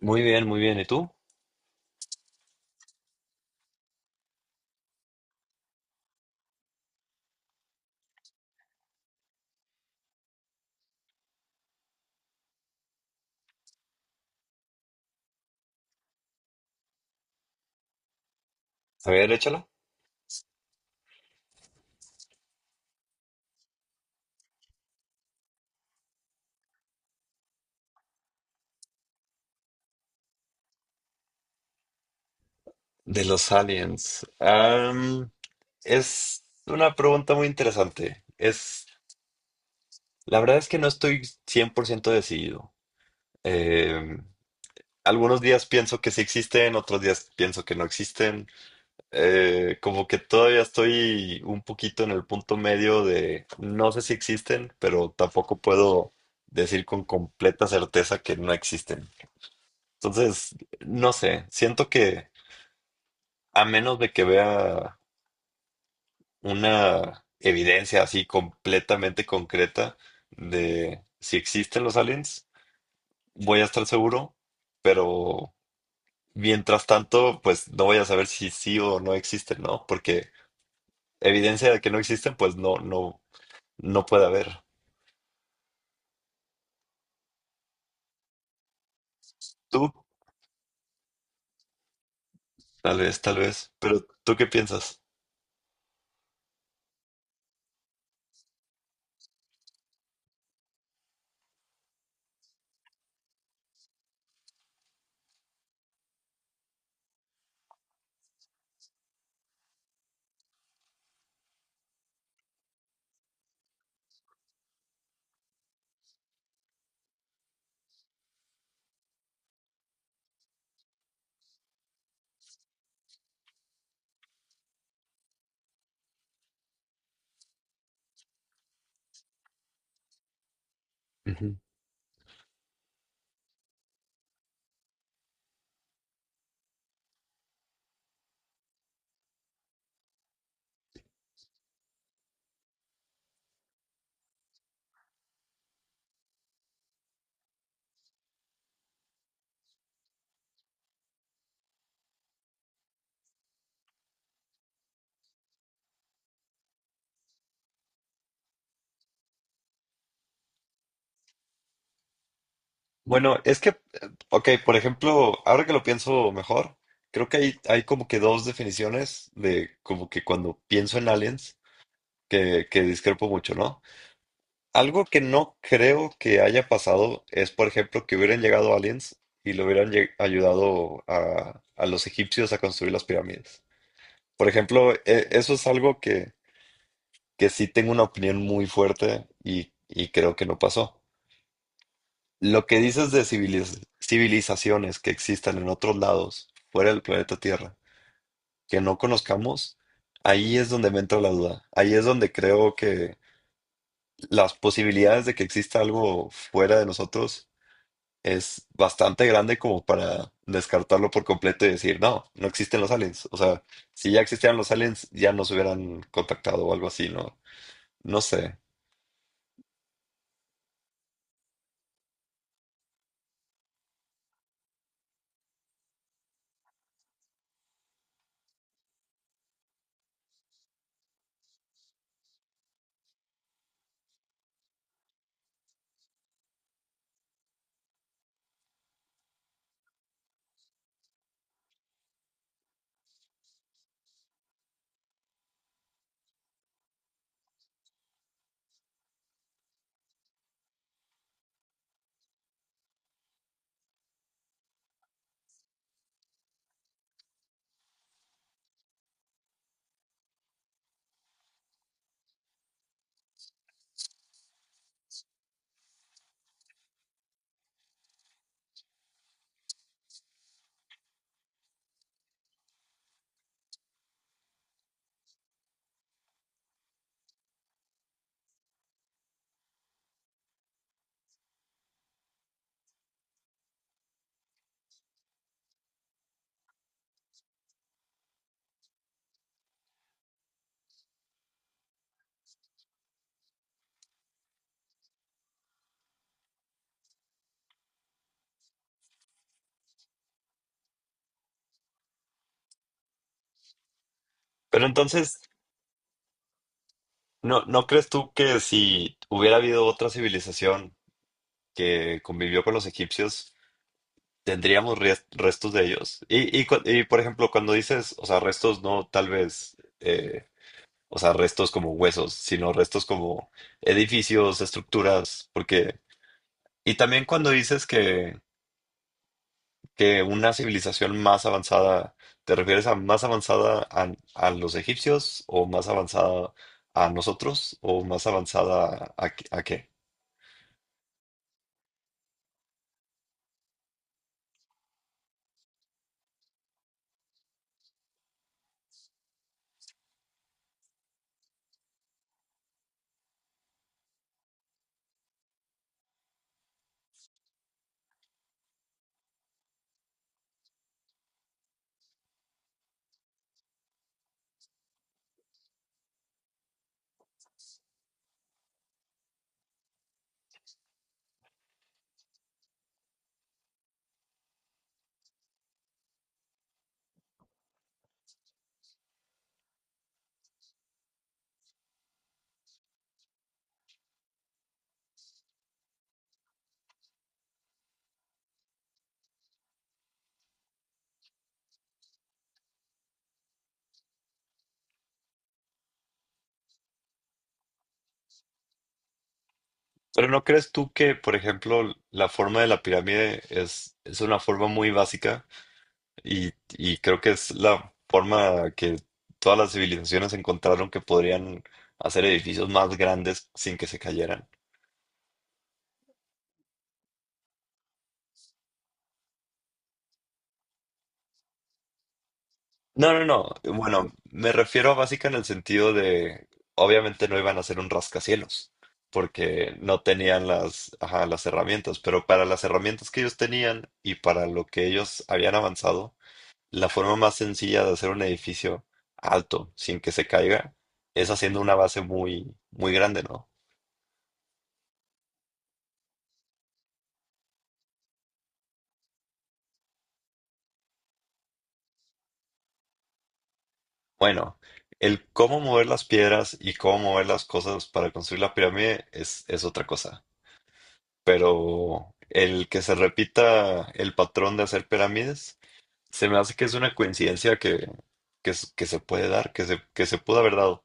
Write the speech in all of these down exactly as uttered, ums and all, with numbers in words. Muy bien, muy bien. ¿Y tú? A ver, échala. De los aliens. Am, es una pregunta muy interesante. Es, la verdad es que no estoy cien por ciento decidido. Eh, Algunos días pienso que sí existen, otros días pienso que no existen. Eh, como que todavía estoy un poquito en el punto medio de no sé si existen, pero tampoco puedo decir con completa certeza que no existen. Entonces, no sé, siento que a menos de que vea una evidencia así completamente concreta de si existen los aliens, voy a estar seguro, pero mientras tanto, pues no voy a saber si sí o no existen, ¿no? Porque evidencia de que no existen, pues no, no, no puede haber. Tú, tal vez, tal vez, pero ¿tú qué piensas? Bueno, es que, eh, ok, por ejemplo, ahora que lo pienso mejor, creo que hay, hay como que dos definiciones de como que cuando pienso en aliens, que, que discrepo mucho, ¿no? Algo que no creo que haya pasado es, por ejemplo, que hubieran llegado aliens y le hubieran lle- ayudado a, a los egipcios a construir las pirámides. Por ejemplo, e- eso es algo que, que sí tengo una opinión muy fuerte y, y creo que no pasó. Lo que dices de civiliz- civilizaciones que existan en otros lados, fuera del planeta Tierra, que no conozcamos, ahí es donde me entra la duda. Ahí es donde creo que las posibilidades de que exista algo fuera de nosotros es bastante grande como para descartarlo por completo y decir, no, no existen los aliens. O sea, si ya existieran los aliens, ya nos hubieran contactado o algo así, ¿no? No sé. Pero entonces, ¿no, no crees tú que si hubiera habido otra civilización, que convivió con los egipcios, tendríamos res- restos de ellos? Y, y, cu- y, por ejemplo, cuando dices, o sea, restos no tal vez, eh, o sea, restos como huesos, sino restos como edificios, estructuras, porque... Y también cuando dices que, que una civilización más avanzada, ¿te refieres a más avanzada a, a los egipcios o más avanzada a nosotros o más avanzada a, a qué? Pero ¿no crees tú que, por ejemplo, la forma de la pirámide es, es una forma muy básica y, y creo que es la forma que todas las civilizaciones encontraron que podrían hacer edificios más grandes sin que se cayeran? No, no, no. Bueno, me refiero a básica en el sentido de, obviamente no iban a hacer un rascacielos porque no tenían las, ajá, las herramientas, pero para las herramientas que ellos tenían y para lo que ellos habían avanzado, la forma más sencilla de hacer un edificio alto sin que se caiga es haciendo una base muy, muy grande, ¿no? Bueno, el cómo mover las piedras y cómo mover las cosas para construir la pirámide es, es otra cosa. Pero el que se repita el patrón de hacer pirámides, se me hace que es una coincidencia que, que, s- que se puede dar, que se, que se pudo haber dado.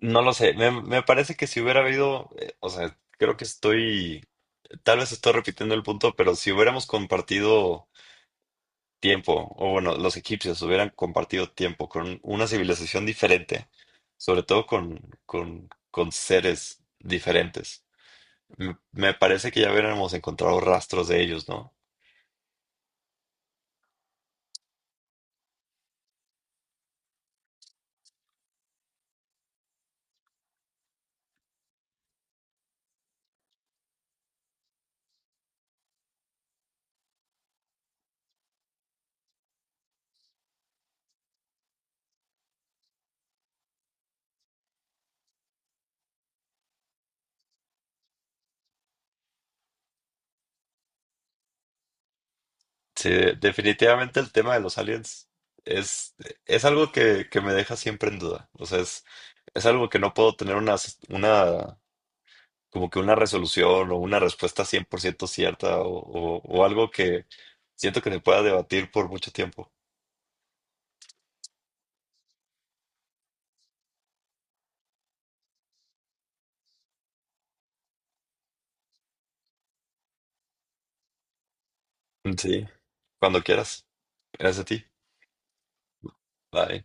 No lo sé, me, me parece que si hubiera habido, eh, o sea, creo que estoy... Tal vez estoy repitiendo el punto, pero si hubiéramos compartido tiempo, o bueno, los egipcios hubieran compartido tiempo con una civilización diferente, sobre todo con, con, con seres diferentes, me me parece que ya hubiéramos encontrado rastros de ellos, ¿no? Sí, de- definitivamente el tema de los aliens es, es algo que, que me deja siempre en duda. O sea, es, es algo que no puedo tener una, una como que una resolución o una respuesta cien por ciento cierta o, o, o algo que siento que se pueda debatir por mucho tiempo. Sí, cuando quieras. Gracias a ti. Bye.